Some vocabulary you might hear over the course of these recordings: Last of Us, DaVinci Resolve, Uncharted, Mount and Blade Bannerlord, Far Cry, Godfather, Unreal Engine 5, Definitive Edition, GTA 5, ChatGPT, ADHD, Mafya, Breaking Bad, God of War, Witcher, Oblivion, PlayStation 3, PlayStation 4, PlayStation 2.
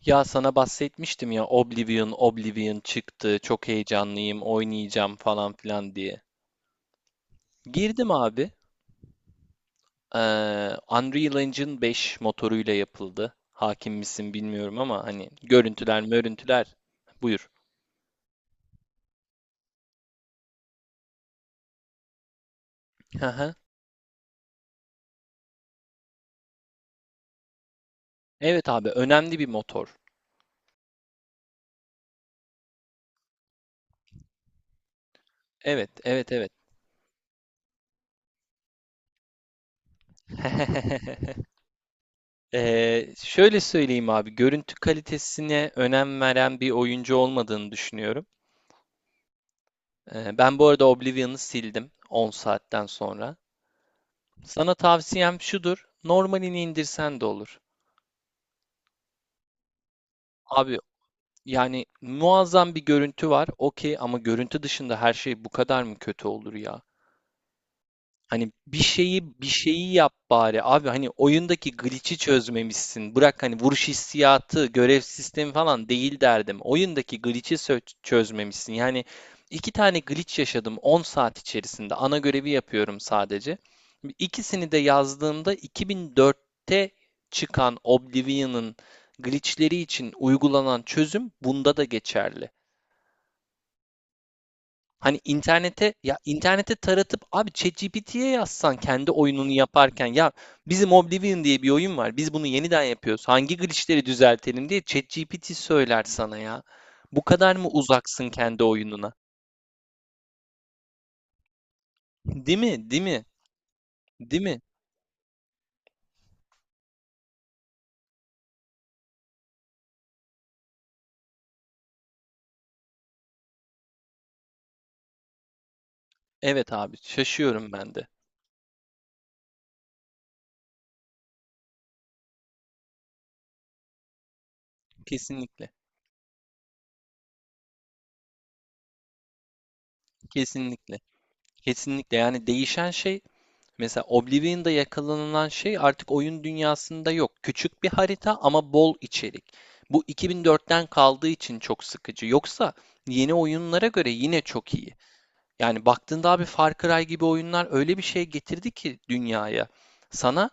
Ya sana bahsetmiştim ya, Oblivion çıktı, çok heyecanlıyım, oynayacağım falan filan diye. Girdim abi. Ee, Unreal Engine 5 motoruyla yapıldı. Hakim misin bilmiyorum ama hani görüntüler görüntüler? Buyur. Hı hı. Evet abi, önemli bir motor. Evet, evet, evet. Şöyle söyleyeyim abi, görüntü kalitesine önem veren bir oyuncu olmadığını düşünüyorum. Ben bu arada Oblivion'ı sildim 10 saatten sonra. Sana tavsiyem şudur: normalini indirsen de olur. Abi, yani muazzam bir görüntü var. Okey, ama görüntü dışında her şey bu kadar mı kötü olur ya? Hani bir şeyi yap bari abi, hani oyundaki glitch'i çözmemişsin. Bırak hani vuruş hissiyatı, görev sistemi falan değil derdim. Oyundaki glitch'i çözmemişsin. Yani iki tane glitch yaşadım 10 saat içerisinde. Ana görevi yapıyorum sadece. İkisini de yazdığımda 2004'te çıkan Oblivion'ın glitch'leri için uygulanan çözüm bunda da geçerli. Hani internete, ya internete taratıp abi, ChatGPT'ye yazsan kendi oyununu yaparken, ya bizim Oblivion diye bir oyun var, biz bunu yeniden yapıyoruz, hangi glitchleri düzeltelim diye ChatGPT söyler sana ya. Bu kadar mı uzaksın kendi oyununa? Değil mi? Değil mi? Değil mi? Evet abi, şaşıyorum ben de. Kesinlikle. Kesinlikle. Kesinlikle, yani değişen şey. Mesela Oblivion'da yakalanılan şey artık oyun dünyasında yok. Küçük bir harita ama bol içerik. Bu 2004'ten kaldığı için çok sıkıcı. Yoksa yeni oyunlara göre yine çok iyi. Yani baktığında abi, Far Cry gibi oyunlar öyle bir şey getirdi ki dünyaya. Sana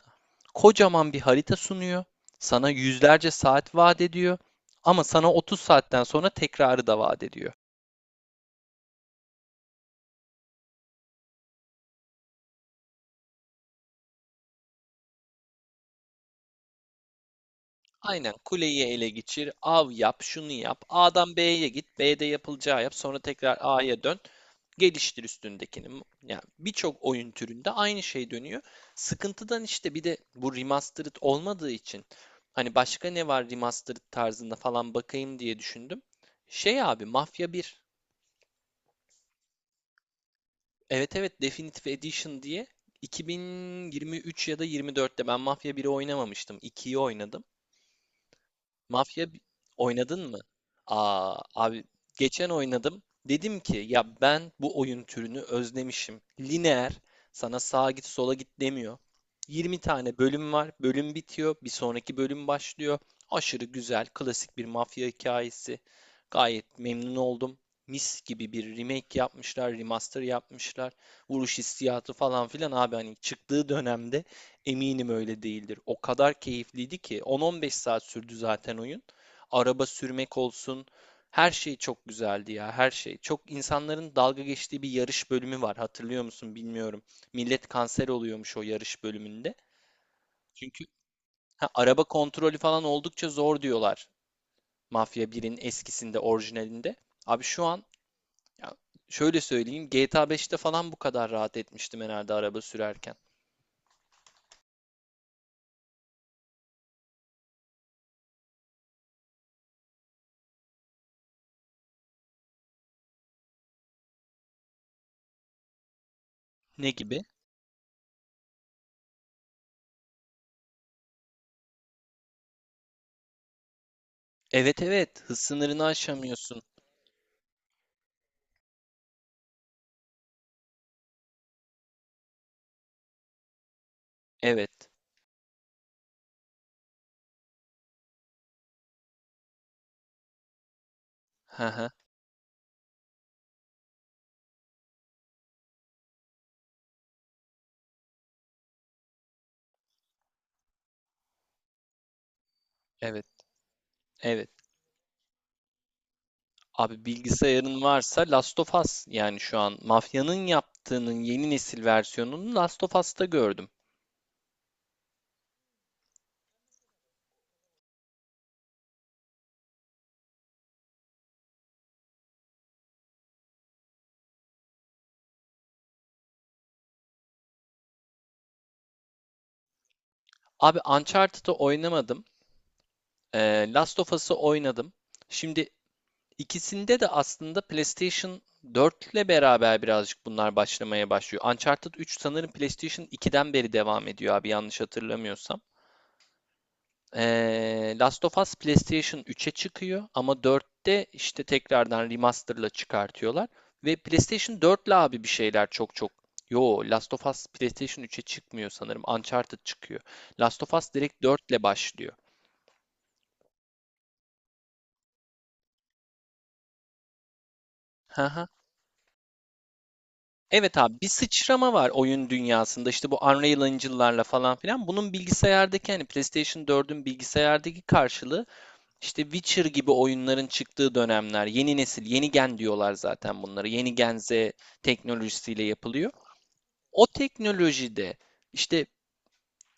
kocaman bir harita sunuyor. Sana yüzlerce saat vaat ediyor. Ama sana 30 saatten sonra tekrarı da vaat ediyor. Aynen, kuleyi ele geçir, av yap, şunu yap. A'dan B'ye git, B'de yapılacağı yap. Sonra tekrar A'ya dön. Geliştir üstündekini. Yani birçok oyun türünde aynı şey dönüyor. Sıkıntıdan işte, bir de bu remastered olmadığı için hani başka ne var remastered tarzında falan bakayım diye düşündüm. Şey abi, Mafya bir. Evet, evet, Definitive Edition diye 2023 ya da 24'te ben Mafya biri oynamamıştım. İkiyi oynadım. Mafya bi- oynadın mı? Aa, abi geçen oynadım. Dedim ki ya, ben bu oyun türünü özlemişim. Lineer, sana sağa git sola git demiyor. 20 tane bölüm var. Bölüm bitiyor. Bir sonraki bölüm başlıyor. Aşırı güzel, klasik bir mafya hikayesi. Gayet memnun oldum. Mis gibi bir remake yapmışlar, remaster yapmışlar. Vuruş hissiyatı falan filan abi, hani çıktığı dönemde eminim öyle değildir. O kadar keyifliydi ki 10-15 saat sürdü zaten oyun. Araba sürmek olsun. Her şey çok güzeldi ya, her şey. Çok insanların dalga geçtiği bir yarış bölümü var. Hatırlıyor musun bilmiyorum. Millet kanser oluyormuş o yarış bölümünde. Çünkü ha, araba kontrolü falan oldukça zor diyorlar. Mafya birin eskisinde, orijinalinde. Abi şu an ya, şöyle söyleyeyim, GTA 5'te falan bu kadar rahat etmiştim herhalde araba sürerken. Ne gibi? Evet, evet, hız sınırını aşamıyorsun. Evet. Hı hı. Evet. Evet. Abi, bilgisayarın varsa Last of Us, yani şu an Mafya'nın yaptığının yeni nesil versiyonunu Last of Us'ta gördüm. Abi Uncharted'ı oynamadım. Last of Us'ı oynadım. Şimdi ikisinde de aslında PlayStation 4 ile beraber birazcık bunlar başlamaya başlıyor. Uncharted 3 sanırım PlayStation 2'den beri devam ediyor abi, yanlış hatırlamıyorsam. Last of Us PlayStation 3'e çıkıyor ama 4'te işte tekrardan remaster'la çıkartıyorlar. Ve PlayStation 4'le abi bir şeyler çok çok. Yo, Last of Us PlayStation 3'e çıkmıyor sanırım. Uncharted çıkıyor. Last of Us direkt 4'le başlıyor. Hı hı. Evet abi, bir sıçrama var oyun dünyasında, işte bu Unreal Engine'larla falan filan. Bunun bilgisayardaki, hani PlayStation 4'ün bilgisayardaki karşılığı. İşte Witcher gibi oyunların çıktığı dönemler, yeni nesil, yeni gen diyorlar zaten bunları. Yeni gen Z teknolojisiyle yapılıyor. O teknolojide işte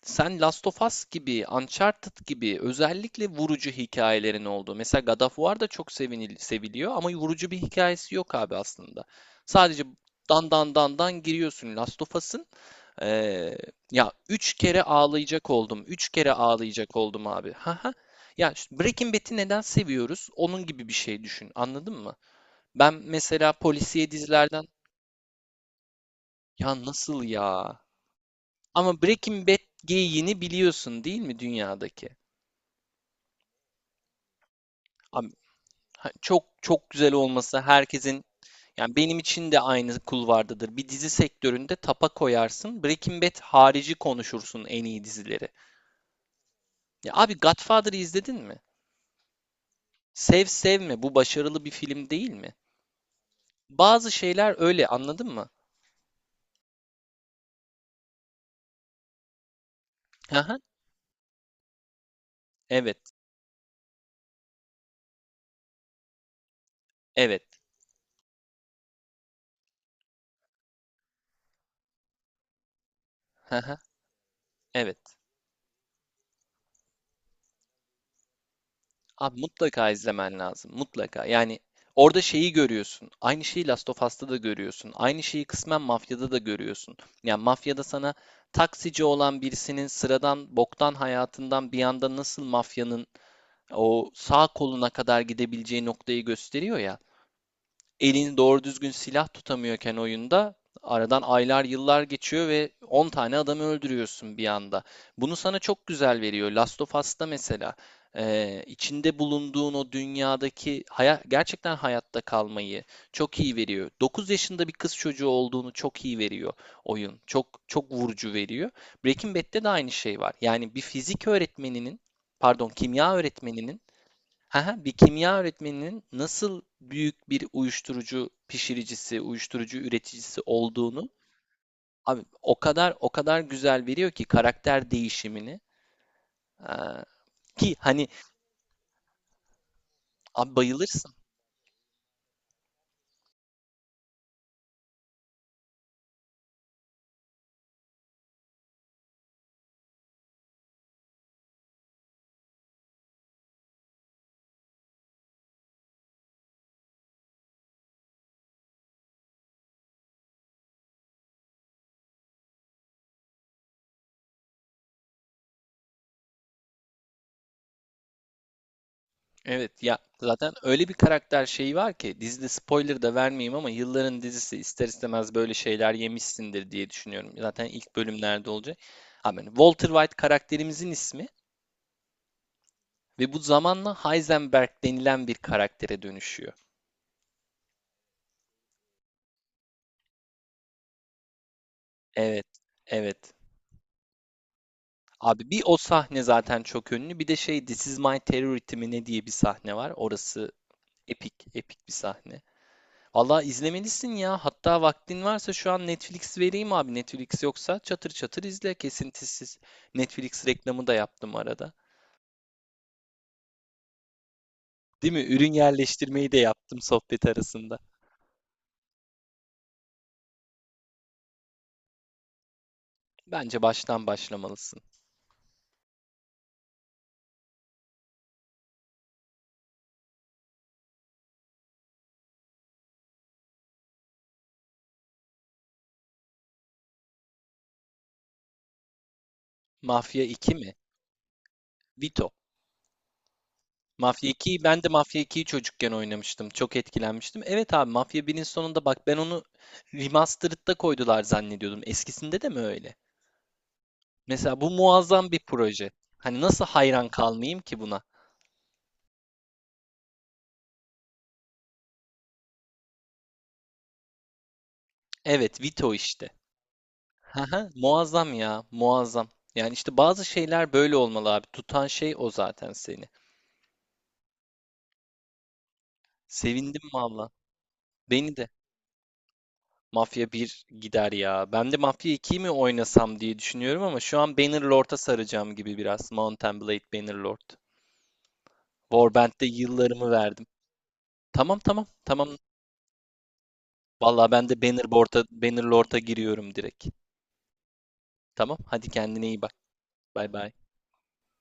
sen Last of Us gibi, Uncharted gibi özellikle vurucu hikayelerin olduğu. Mesela God of War da çok seviliyor ama vurucu bir hikayesi yok abi aslında. Sadece dan dan dan dan giriyorsun Last of Us'ın ee, ya üç kere ağlayacak oldum. Üç kere ağlayacak oldum abi. Haha. Ya, işte Breaking Bad'i neden seviyoruz? Onun gibi bir şey düşün. Anladın mı? Ben mesela polisiye dizilerden. Ya nasıl ya? Ama Breaking Bad geyiğini biliyorsun değil mi dünyadaki? Abi, çok çok güzel olması herkesin, yani benim için de aynı kulvardadır. Bir dizi sektöründe tapa koyarsın. Breaking Bad harici konuşursun en iyi dizileri. Ya abi, Godfather'ı izledin mi? Sev sevme, bu başarılı bir film değil mi? Bazı şeyler öyle, anladın mı? Hı hı. Evet. Evet. Hı hı. Evet. Abi mutlaka izlemen lazım. Mutlaka. Yani orada şeyi görüyorsun. Aynı şeyi Last of Us'ta da görüyorsun. Aynı şeyi kısmen Mafya'da da görüyorsun. Yani Mafya'da sana taksici olan birisinin sıradan boktan hayatından bir anda nasıl mafyanın o sağ koluna kadar gidebileceği noktayı gösteriyor ya. Elini doğru düzgün silah tutamıyorken oyunda, aradan aylar yıllar geçiyor ve 10 tane adamı öldürüyorsun bir anda. Bunu sana çok güzel veriyor. Last of Us'ta mesela içinde bulunduğun o dünyadaki gerçekten hayatta kalmayı çok iyi veriyor. 9 yaşında bir kız çocuğu olduğunu çok iyi veriyor oyun. Çok çok vurucu veriyor. Breaking Bad'de de aynı şey var. Yani bir fizik öğretmeninin, pardon, kimya öğretmeninin. Haha, bir kimya öğretmeninin nasıl büyük bir uyuşturucu pişiricisi, uyuşturucu üreticisi olduğunu abi o kadar o kadar güzel veriyor ki karakter değişimini. Aa, ki hani abi bayılırsın. Evet ya, zaten öyle bir karakter şeyi var ki dizide, spoiler da vermeyeyim ama yılların dizisi ister istemez böyle şeyler yemişsindir diye düşünüyorum. Zaten ilk bölümlerde olacak. Abi, hani Walter White karakterimizin ismi ve bu zamanla Heisenberg denilen bir karaktere dönüşüyor. Evet, evet. Abi bir o sahne zaten çok ünlü. Bir de şey, This Is My Terrority mi ne diye bir sahne var. Orası epik, epik bir sahne. Valla izlemelisin ya. Hatta vaktin varsa şu an Netflix vereyim abi. Netflix yoksa çatır çatır izle kesintisiz. Netflix reklamı da yaptım arada. Değil mi? Ürün yerleştirmeyi de yaptım sohbet arasında. Bence baştan başlamalısın. Mafya 2 mi? Vito. Mafya 2'yi, ben de Mafya 2'yi çocukken oynamıştım. Çok etkilenmiştim. Evet abi, Mafya 1'in sonunda, bak ben onu remastered'da koydular zannediyordum. Eskisinde de mi öyle? Mesela bu muazzam bir proje. Hani nasıl hayran kalmayayım ki buna? Evet, Vito işte. Haha, muazzam ya, muazzam. Yani işte bazı şeyler böyle olmalı abi. Tutan şey o zaten seni. Sevindim valla. Beni de. Mafya bir gider ya. Ben de Mafya 2'yi mi oynasam diye düşünüyorum ama şu an Bannerlord'a saracağım gibi biraz. Mount and Blade Bannerlord. Warband'de yıllarımı verdim. Tamam, tamam, tamam. Vallahi ben de Bannerlord'a giriyorum direkt. Tamam, hadi kendine iyi bak. Bay bay.